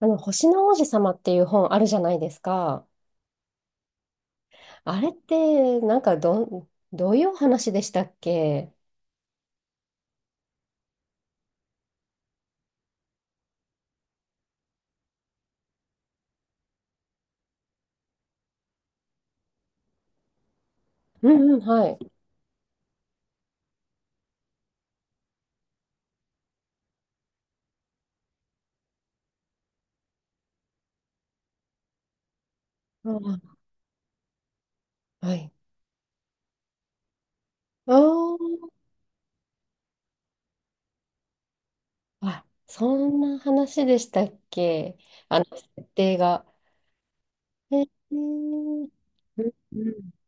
星の王子様っていう本あるじゃないですか。あれって、なんかどういうお話でしたっけ？うんうん、はい。うんはい。あーあ、そんな話でしたっけ？設定が。うんうん、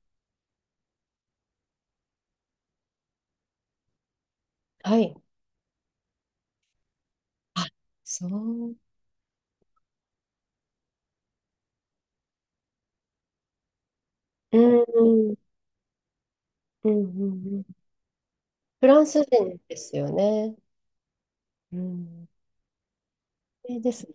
はい。あ、そう。うんうんうんうんうん。フランス人ですよね。うん。ですね。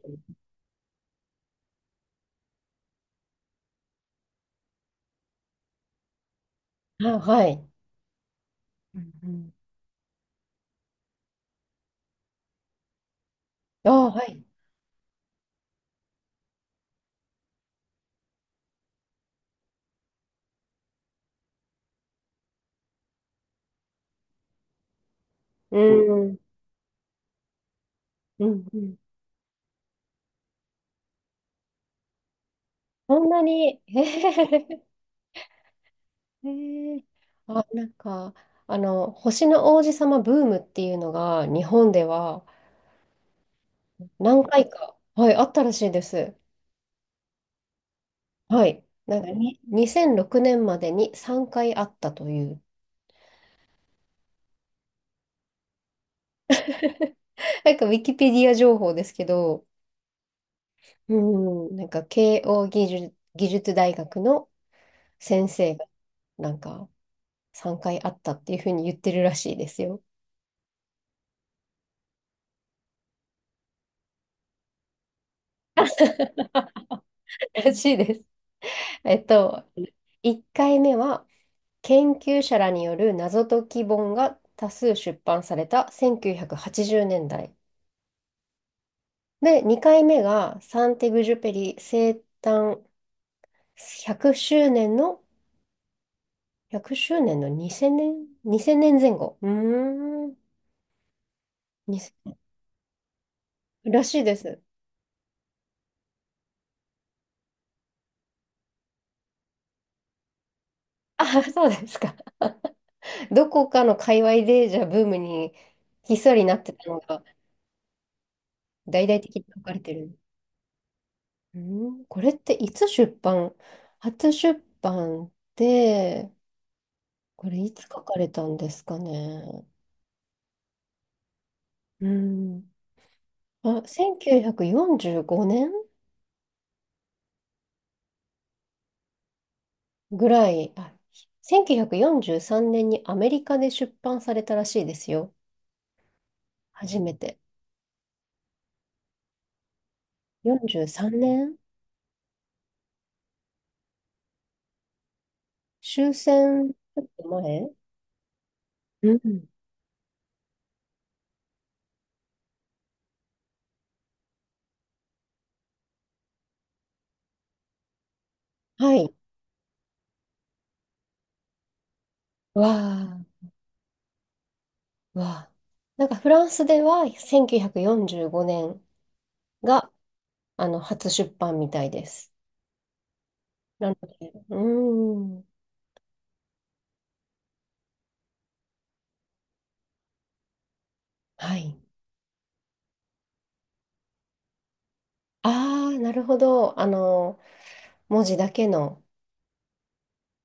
あ、はい。うんうん。あ、はい。うん。うんうん。そんなに。えー、あ、なんか、あの、星の王子様ブームっていうのが、日本では何回か、はい、あったらしいです。はい。なんかに、2006年までに3回あったという、なんかウィキペディア情報ですけど、うん、なんか慶応義塾、義塾大学の先生が、なんか3回あったっていうふうに言ってるらしいですよ。らしいです。えっと、1回目は、研究者らによる謎解き本が多数出版された1980年代。で、2回目がサンテグジュペリ生誕100周年の、100周年の2000 年前後。うーん。にせんらしいです。あ、そうですか。どこかの界隈で、じゃあブームにひっそりなってたのが、大々的に書かれてる。うーん。これっていつ初出版って、これいつ書かれたんですかね。うん。あ、1945年ぐらい、あ、1943年にアメリカで出版されたらしいですよ。初めて。43年、終戦ちょっと前。うん。はい。わあ、わあ。なんかフランスでは1945年があの初出版みたいです。なので、うーん。はい。ああ、なるほど。あの、文字だけの。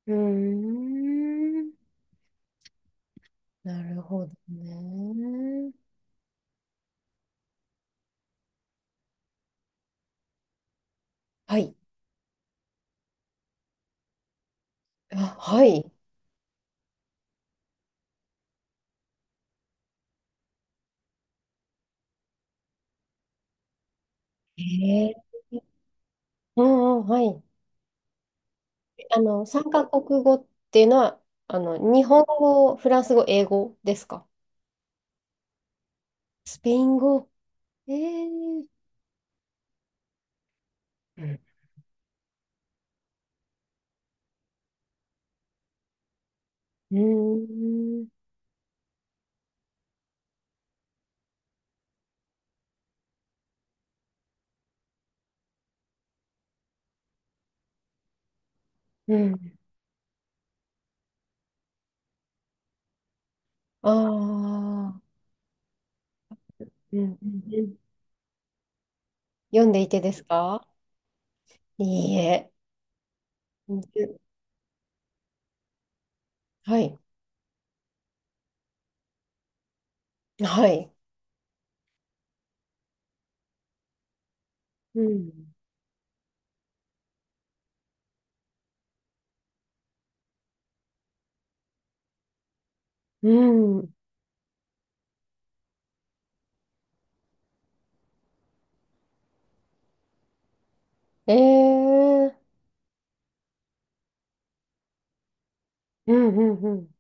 うーん。なるほどね。はい。あ、はい。えーうんうん、はい。あの、三カ国語っていうのは、あの、日本語、フランス語、英語ですか？スペイン語。えーうん。うーん。うん。ああ。うんうんうん。読んでいてですか？いいえ。うんはい。はい。うん。うん。ええ。うんうんうん。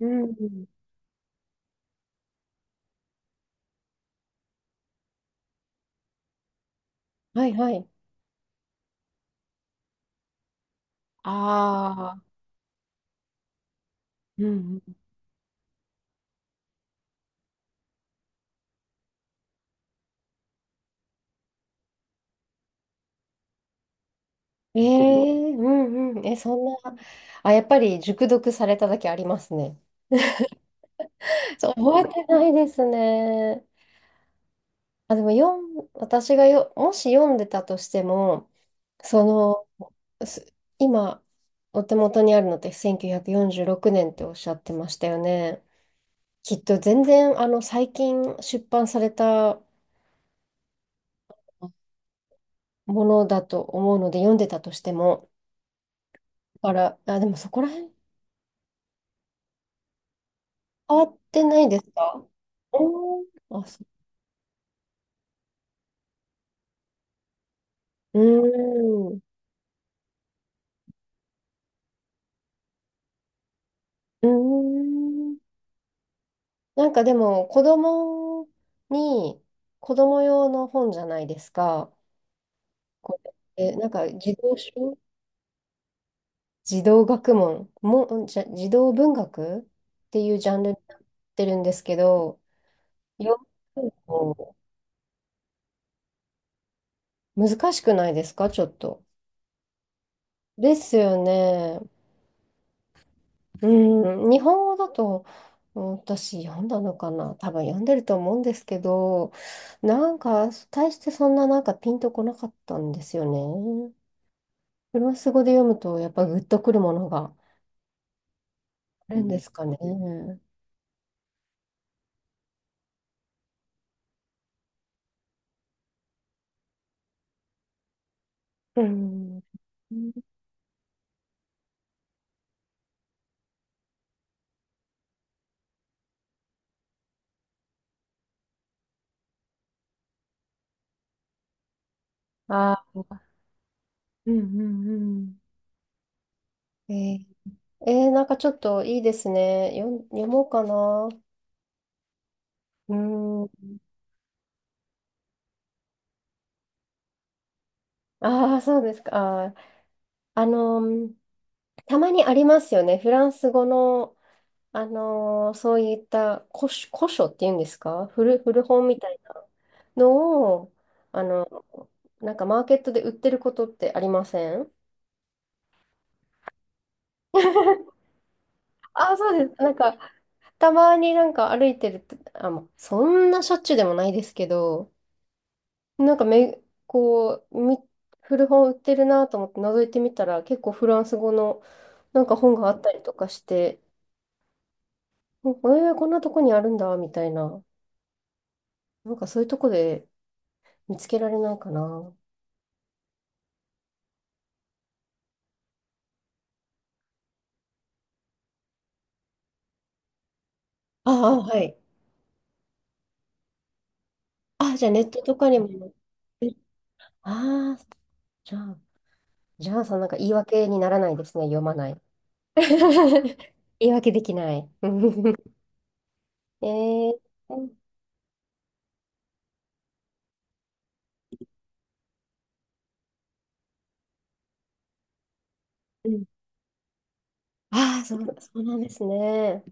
うん。はいはい。ああ。うんうん。ええ、うんうん。え、そんな。あ、やっぱり熟読されただけありますね。そう、覚えてないですね。あ、でも私がよ、もし読んでたとしても、その、今、お手元にあるのって1946年っておっしゃってましたよね。きっと全然、あの、最近出版されたものだと思うので、読んでたとしても、から、あ、でもそこら辺変わってないですか？おー、あ、そう。うーん。うーん。なんかでも、に、子供用の本じゃないですか？こう、え、なんか、児童書児童学問も、んじゃ、児童文学っていうジャンルになってるんですけど、読むの、難しくないですかちょっと。ですよね。うん、日本語だと、うん、私読んだのかな、多分読んでると思うんですけど、なんか大してそんな、なんかピンとこなかったんですよね。フランス語で読むとやっぱグッとくるものがあるんですかね。うん。ああ、うんうんうん。なんかちょっといいですね。読もうかな。うん。ああ、そうですか。あのーたまにありますよね。フランス語のそういった古書、古書っていうんですか？古本みたいなのを、あの、なんかマーケットで売ってることってありませんああ、そうです。なんか、たまになんか歩いてると、あ、もうそんなしょっちゅうでもないですけど、なんかこう、古本売ってるなと思って覗いてみたら、結構フランス語のなんか本があったりとかして、えー、こんなとこにあるんだ、みたいな。なんかそういうとこで見つけられないかな。ああ、はい。あ、じゃあネットとかにも。ああ、じゃあ、じゃあ、そのなんか言い訳にならないですね、読まない。言い訳できない。えー、うん。ああ、そう、そうなんですね。